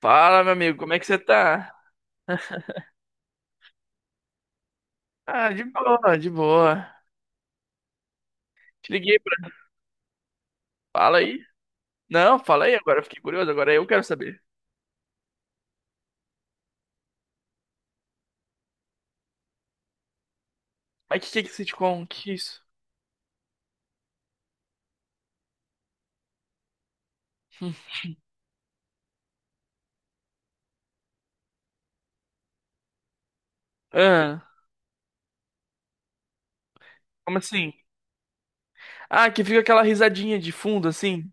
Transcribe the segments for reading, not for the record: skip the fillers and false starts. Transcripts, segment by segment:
Fala, meu amigo, como é que você tá? Ah, de boa, de boa. Te liguei pra... Fala aí. Não, fala aí agora, eu fiquei curioso, agora eu quero saber. Mas que é esse sitcom? Que isso? Hum. Ah, como assim? Ah, que fica aquela risadinha de fundo, assim?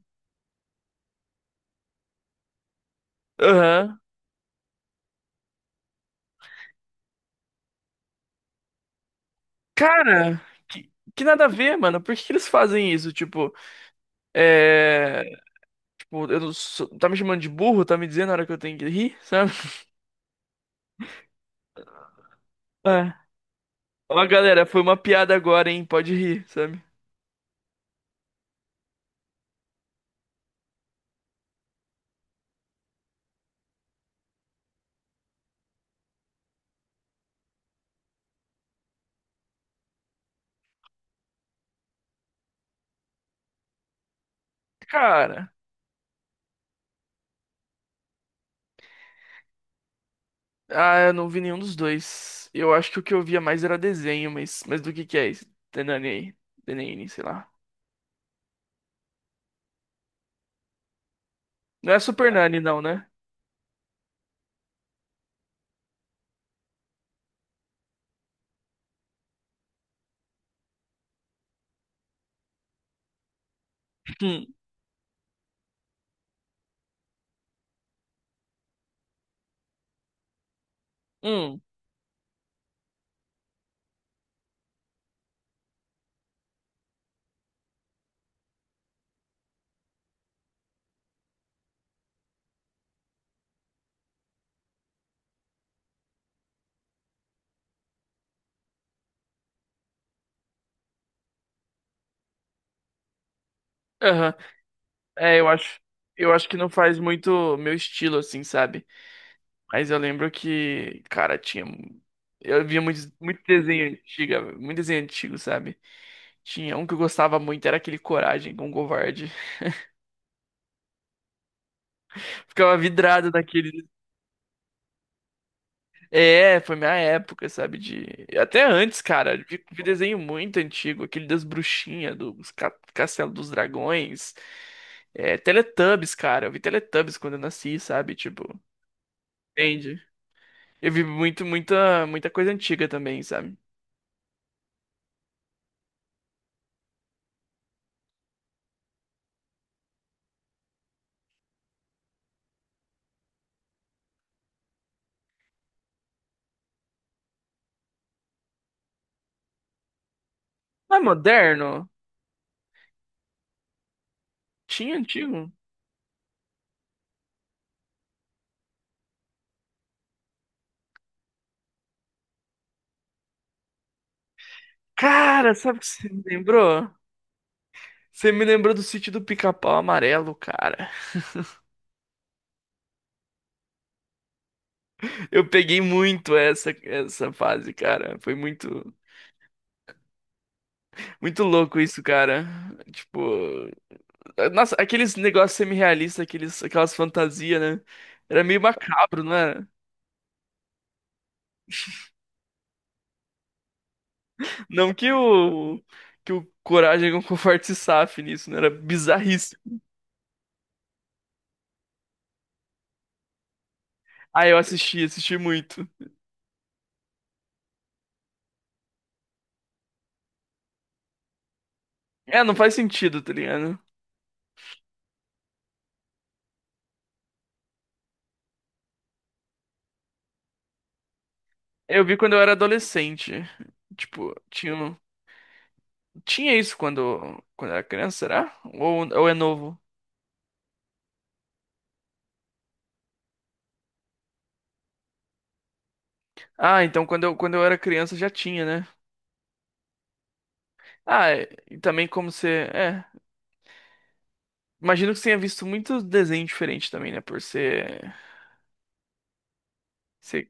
Aham. Cara, que nada a ver, mano. Por que que eles fazem isso? Tipo, é... Tipo, eu não sou... Tá me chamando de burro? Tá me dizendo na hora que eu tenho que rir, sabe? Ah. Ó, galera, foi uma piada agora, hein? Pode rir, sabe? Cara... Ah, eu não vi nenhum dos dois. Eu acho que o que eu via mais era desenho, mas do que é isso? Tenani aí. Tenani, sei lá. Não é Super Nani, não, né? Hum, hum, aham. É, eu acho que não faz muito meu estilo, assim, sabe? Mas eu lembro que, cara, tinha... Eu via muito, muito desenho antigo, sabe? Tinha um que eu gostava muito, era aquele Coragem com o Covarde. Ficava vidrado. É, foi minha época, sabe? De. Até antes, cara, de desenho muito antigo, aquele das bruxinhas, Castelo dos Dragões. É, Teletubbies, cara. Eu vi Teletubbies quando eu nasci, sabe? Tipo, entende? Eu vi muito, muita, muita coisa antiga também, sabe? Mas moderno? Tinha antigo? Cara, sabe o que você me lembrou? Você me lembrou do sítio do Pica-Pau Amarelo, cara. Eu peguei muito essa, essa fase, cara. Foi muito. Muito louco isso, cara. Tipo, nossa, aqueles negócios semi-realistas, aqueles, aquelas fantasias, né? Era meio macabro, não era? Não que o Que o Coragem com o Forte se safe nisso, né? Era bizarríssimo. Ah, eu assisti, assisti muito. É, não faz sentido, tá ligado? Eu vi quando eu era adolescente. Tipo, tinha, tinha isso quando, quando eu era criança, será? Ou é novo? Ah, então quando eu era criança já tinha, né? Ah, é- e também como você. É. Imagino que você tenha visto muitos desenhos diferentes também, né? Por ser. Ser...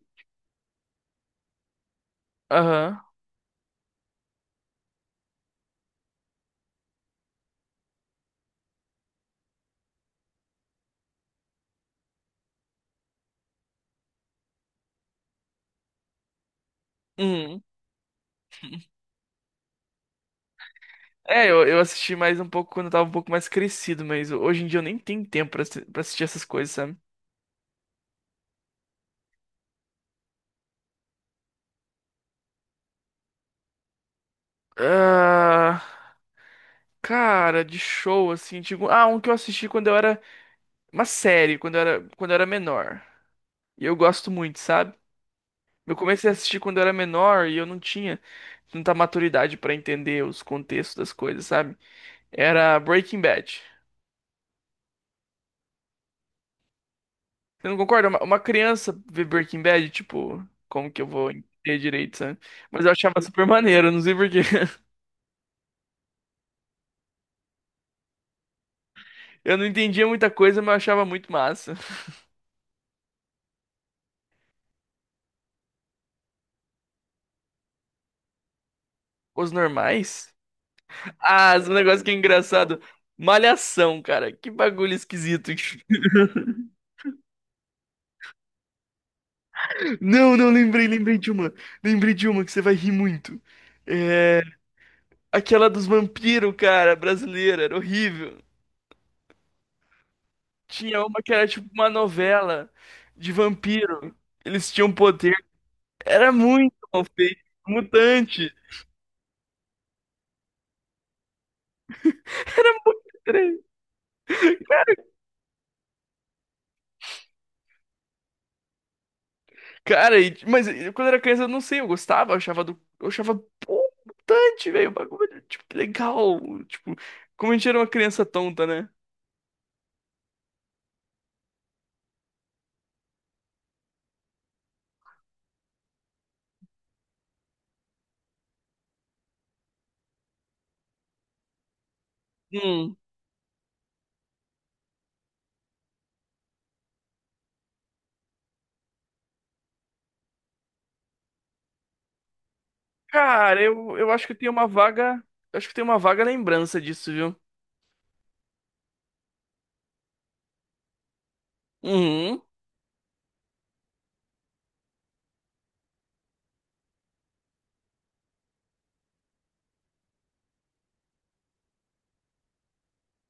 Aham. Uhum. É, eu assisti mais um pouco quando eu tava um pouco mais crescido, mas hoje em dia eu nem tenho tempo pra, pra assistir essas coisas, sabe? Ah, cara, de show, assim, tipo. Ah, um que eu assisti quando eu era. Uma série, quando eu era menor. E eu gosto muito, sabe? Eu comecei a assistir quando eu era menor e eu não tinha tanta maturidade pra entender os contextos das coisas, sabe? Era Breaking Bad. Você não concorda? Uma criança ver Breaking Bad, tipo, como que eu vou entender direito, sabe? Mas eu achava super maneiro, não sei por quê. Eu não entendia muita coisa, mas eu achava muito massa. Os normais? Ah, esse negócio que é engraçado. Malhação, cara. Que bagulho esquisito. Não, não, lembrei, lembrei de uma. Lembrei de uma que você vai rir muito. É... Aquela dos vampiros, cara, brasileira. Era horrível. Tinha uma que era tipo uma novela de vampiro. Eles tinham poder. Era muito mal feito, mutante. Era- Cara, e- mas eu, quando era criança, eu não sei, eu gostava, eu achava do. Eu achava, pô, mutante, velho. O bagulho, tipo, legal. Tipo, como a gente era uma criança tonta, né? Hum. Cara, eu acho que eu tenho uma vaga. Eu acho que eu tenho uma vaga lembrança disso, viu? Uhum.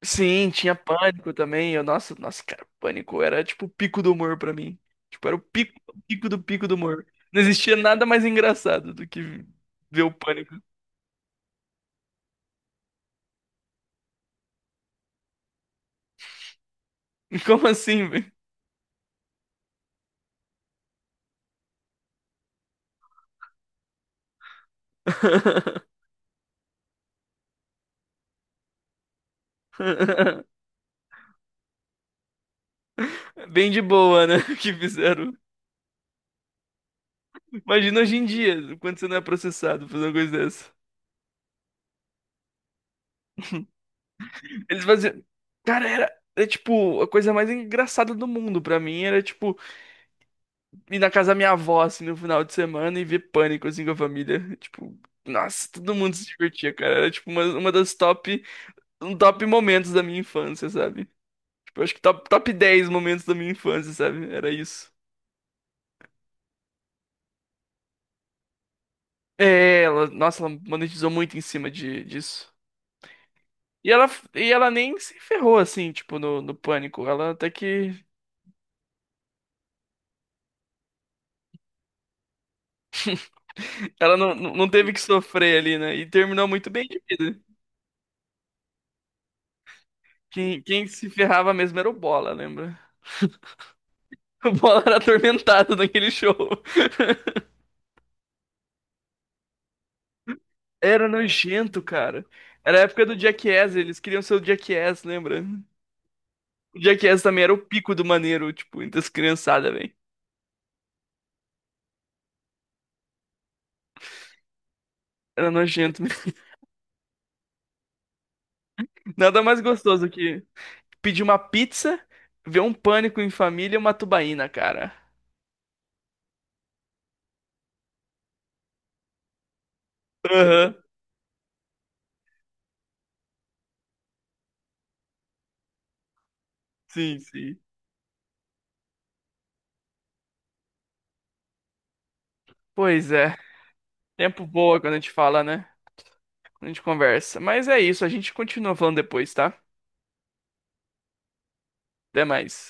Sim, tinha pânico também. Eu, nossa, nossa, cara, pânico era tipo o pico do humor pra mim. Tipo, era o pico, pico do humor. Não existia nada mais engraçado do que ver o pânico. Como assim, velho? Bem de boa, né? Que fizeram. Imagina hoje em dia, quando você não é processado por uma coisa dessa. Eles faziam. Cara, era. É tipo, a coisa mais engraçada do mundo pra mim era, tipo, ir na casa da minha avó, assim, no final de semana e ver pânico, assim, com a família. Tipo, nossa, todo mundo se divertia, cara. Era, tipo, uma das top. Um top momentos da minha infância, sabe? Tipo, acho que top, top 10 momentos da minha infância, sabe? Era isso. É, ela, nossa, ela monetizou muito em cima de, disso. E ela, e ela nem se ferrou, assim, tipo, no, no pânico. Ela até que. Ela não, não teve que sofrer ali, né? E terminou muito bem de vida. Quem, quem se ferrava mesmo era o Bola, lembra? O Bola era atormentado naquele show. Era nojento, cara. Era a época do Jackass, eles queriam ser o Jackass, lembra? O Jackass também era o pico do maneiro, tipo, entre as criançadas, velho. Era nojento mesmo. Nada mais gostoso que pedir uma pizza, ver um Pânico em Família e uma tubaína, cara. Aham, sim, sim. Pois é, tempo boa quando a gente fala, né? Quando a gente conversa. Mas é isso, a gente continua falando depois, tá? Até mais.